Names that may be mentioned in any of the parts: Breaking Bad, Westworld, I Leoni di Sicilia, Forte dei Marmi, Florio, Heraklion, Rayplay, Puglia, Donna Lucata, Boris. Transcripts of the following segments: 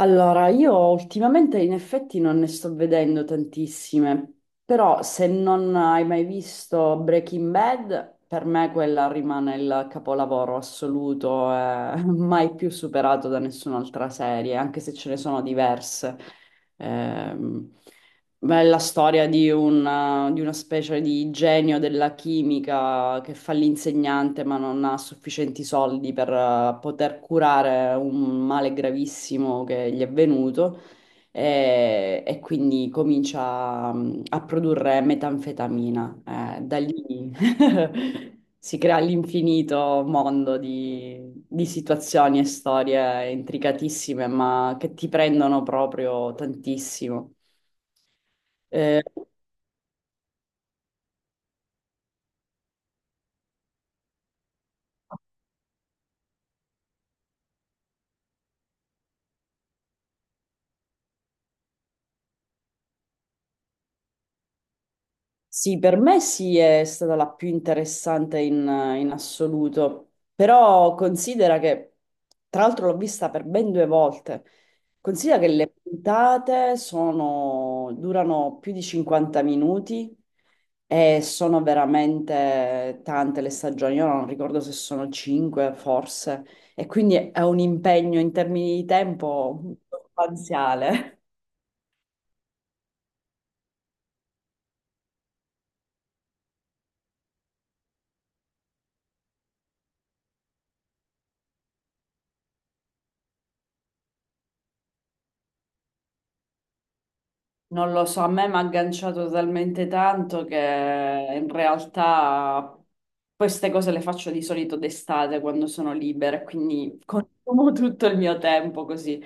Allora, io ultimamente in effetti non ne sto vedendo tantissime, però se non hai mai visto Breaking Bad, per me quella rimane il capolavoro assoluto, mai più superato da nessun'altra serie, anche se ce ne sono diverse. Ehm, Beh, è la storia di una specie di genio della chimica che fa l'insegnante ma non ha sufficienti soldi per poter curare un male gravissimo che gli è venuto e, quindi comincia a produrre metanfetamina. Da lì si crea l'infinito mondo di situazioni e storie intricatissime ma che ti prendono proprio tantissimo. Eh, Sì, per me sì, è stata la più interessante in, in assoluto, però considera che, tra l'altro l'ho vista per ben due volte, considera che le puntate sono, durano più di 50 minuti e sono veramente tante le stagioni, io non ricordo se sono 5 forse, e quindi è un impegno in termini di tempo sostanziale. Non lo so, a me mi ha agganciato talmente tanto che in realtà queste cose le faccio di solito d'estate quando sono libera, e quindi consumo tutto il mio tempo così.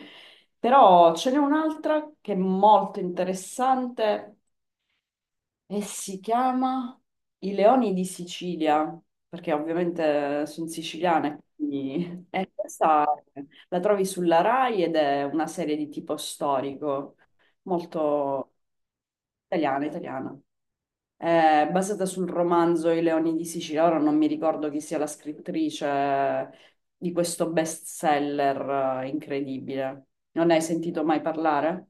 Però ce n'è un'altra che è molto interessante e si chiama I Leoni di Sicilia, perché ovviamente sono siciliane. Quindi- E questa la trovi sulla Rai ed è una serie di tipo storico, molto italiana, italiana. È basata sul romanzo I Leoni di Sicilia. Ora non mi ricordo chi sia la scrittrice di questo bestseller incredibile. Non ne hai sentito mai parlare?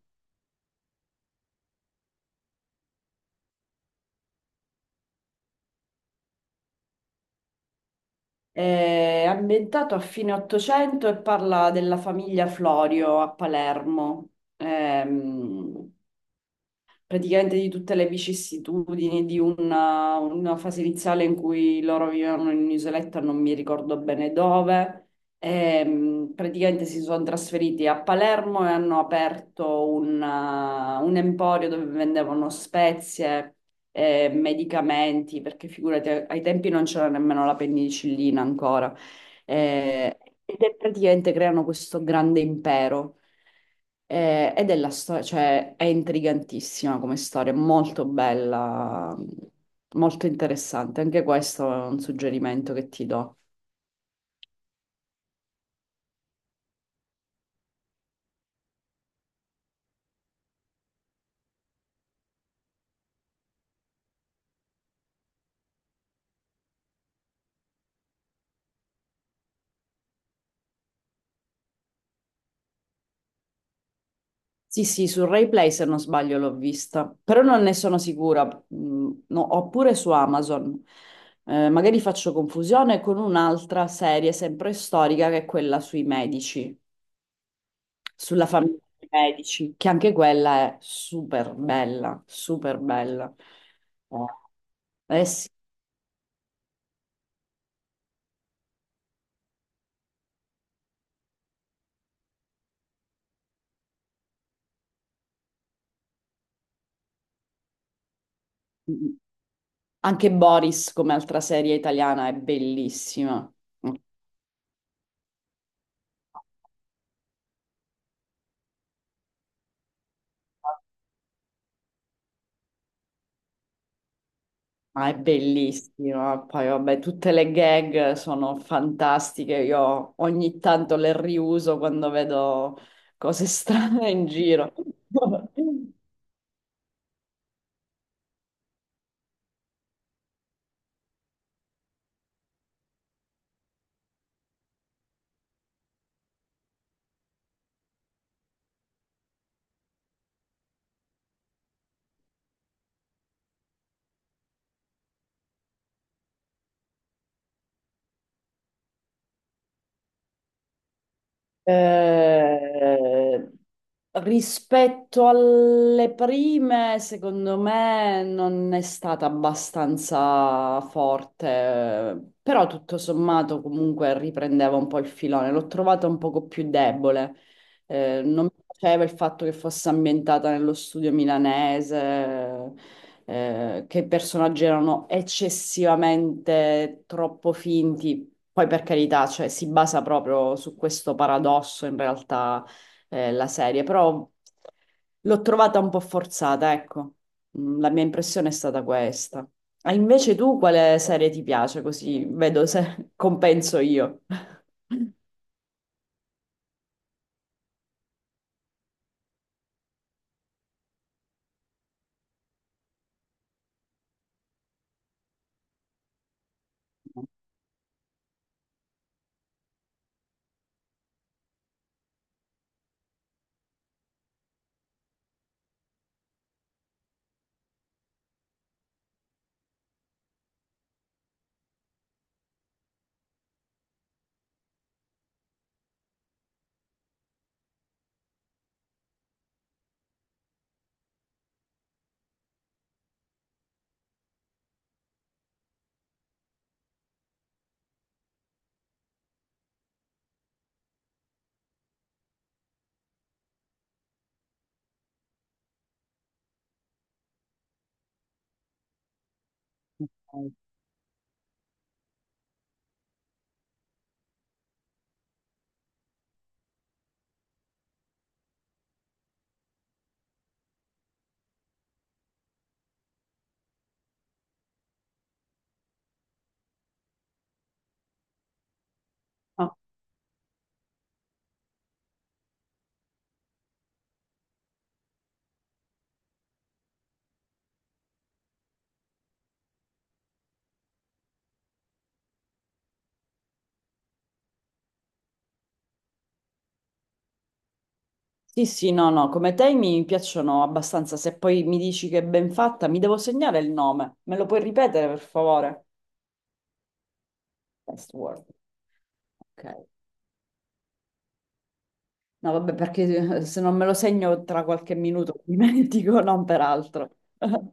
È ambientato a fine Ottocento e parla della famiglia Florio a Palermo. Ehm, praticamente di tutte le vicissitudini di una fase iniziale in cui loro vivevano in un'isoletta, non mi ricordo bene dove. Praticamente si sono trasferiti a Palermo e hanno aperto una- un emporio dove vendevano spezie, medicamenti, perché figurati, ai tempi non c'era nemmeno la penicillina ancora eh, ed è praticamente creano questo grande impero. Ed è la storia, cioè è intrigantissima come storia, molto bella, molto interessante. Anche questo è un suggerimento che ti do. Sì, sì, su Rayplay se non sbaglio l'ho vista, però non ne sono sicura. Mm, no, oppure su Amazon. Magari faccio confusione con un'altra serie sempre storica che è quella sui medici, sulla famiglia dei medici, che anche quella è super bella, super bella. Eh sì. Anche Boris, come altra serie italiana, è bellissima. Ma è bellissima. Poi, vabbè, tutte le gag sono fantastiche. Io ogni tanto le riuso quando vedo cose strane in giro. Eh, Rispetto alle prime, secondo me non è stata abbastanza forte, però tutto sommato comunque riprendeva un po' il filone. L'ho trovata un poco più debole. Non mi piaceva il fatto che fosse ambientata nello studio milanese, che i personaggi erano eccessivamente troppo finti. Poi per carità, cioè, si basa proprio su questo paradosso in realtà, la serie, però l'ho trovata un po' forzata, ecco. La mia impressione è stata questa. Ah, invece tu quale serie ti piace? Così vedo se compenso io. Ok. Ah, sì, sì, no, no, come te mi piacciono abbastanza. Se poi mi dici che è ben fatta, mi devo segnare il nome. Me lo puoi ripetere, per favore? Westworld. Ok. No, vabbè, perché se non me lo segno tra qualche minuto mi dimentico, non peraltro.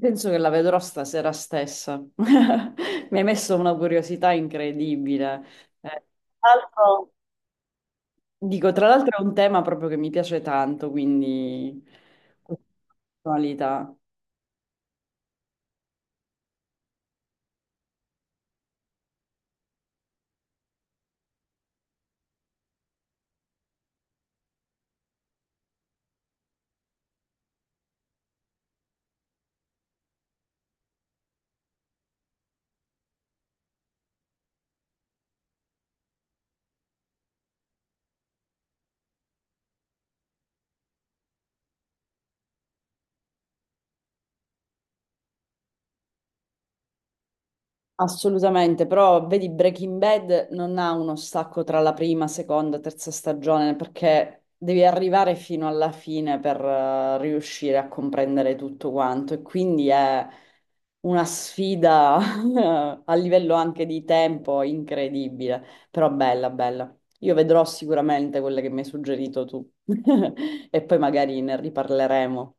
Penso che la vedrò stasera stessa. Mi hai messo una curiosità incredibile. Eh, tra l'altro- dico, tra l'altro è un tema proprio che mi piace tanto, quindi questa personalità. Assolutamente, però vedi Breaking Bad non ha uno stacco tra la prima, seconda, terza stagione perché devi arrivare fino alla fine per riuscire a comprendere tutto quanto e quindi è una sfida a livello anche di tempo incredibile, però bella, bella. Io vedrò sicuramente quelle che mi hai suggerito tu e poi magari ne riparleremo.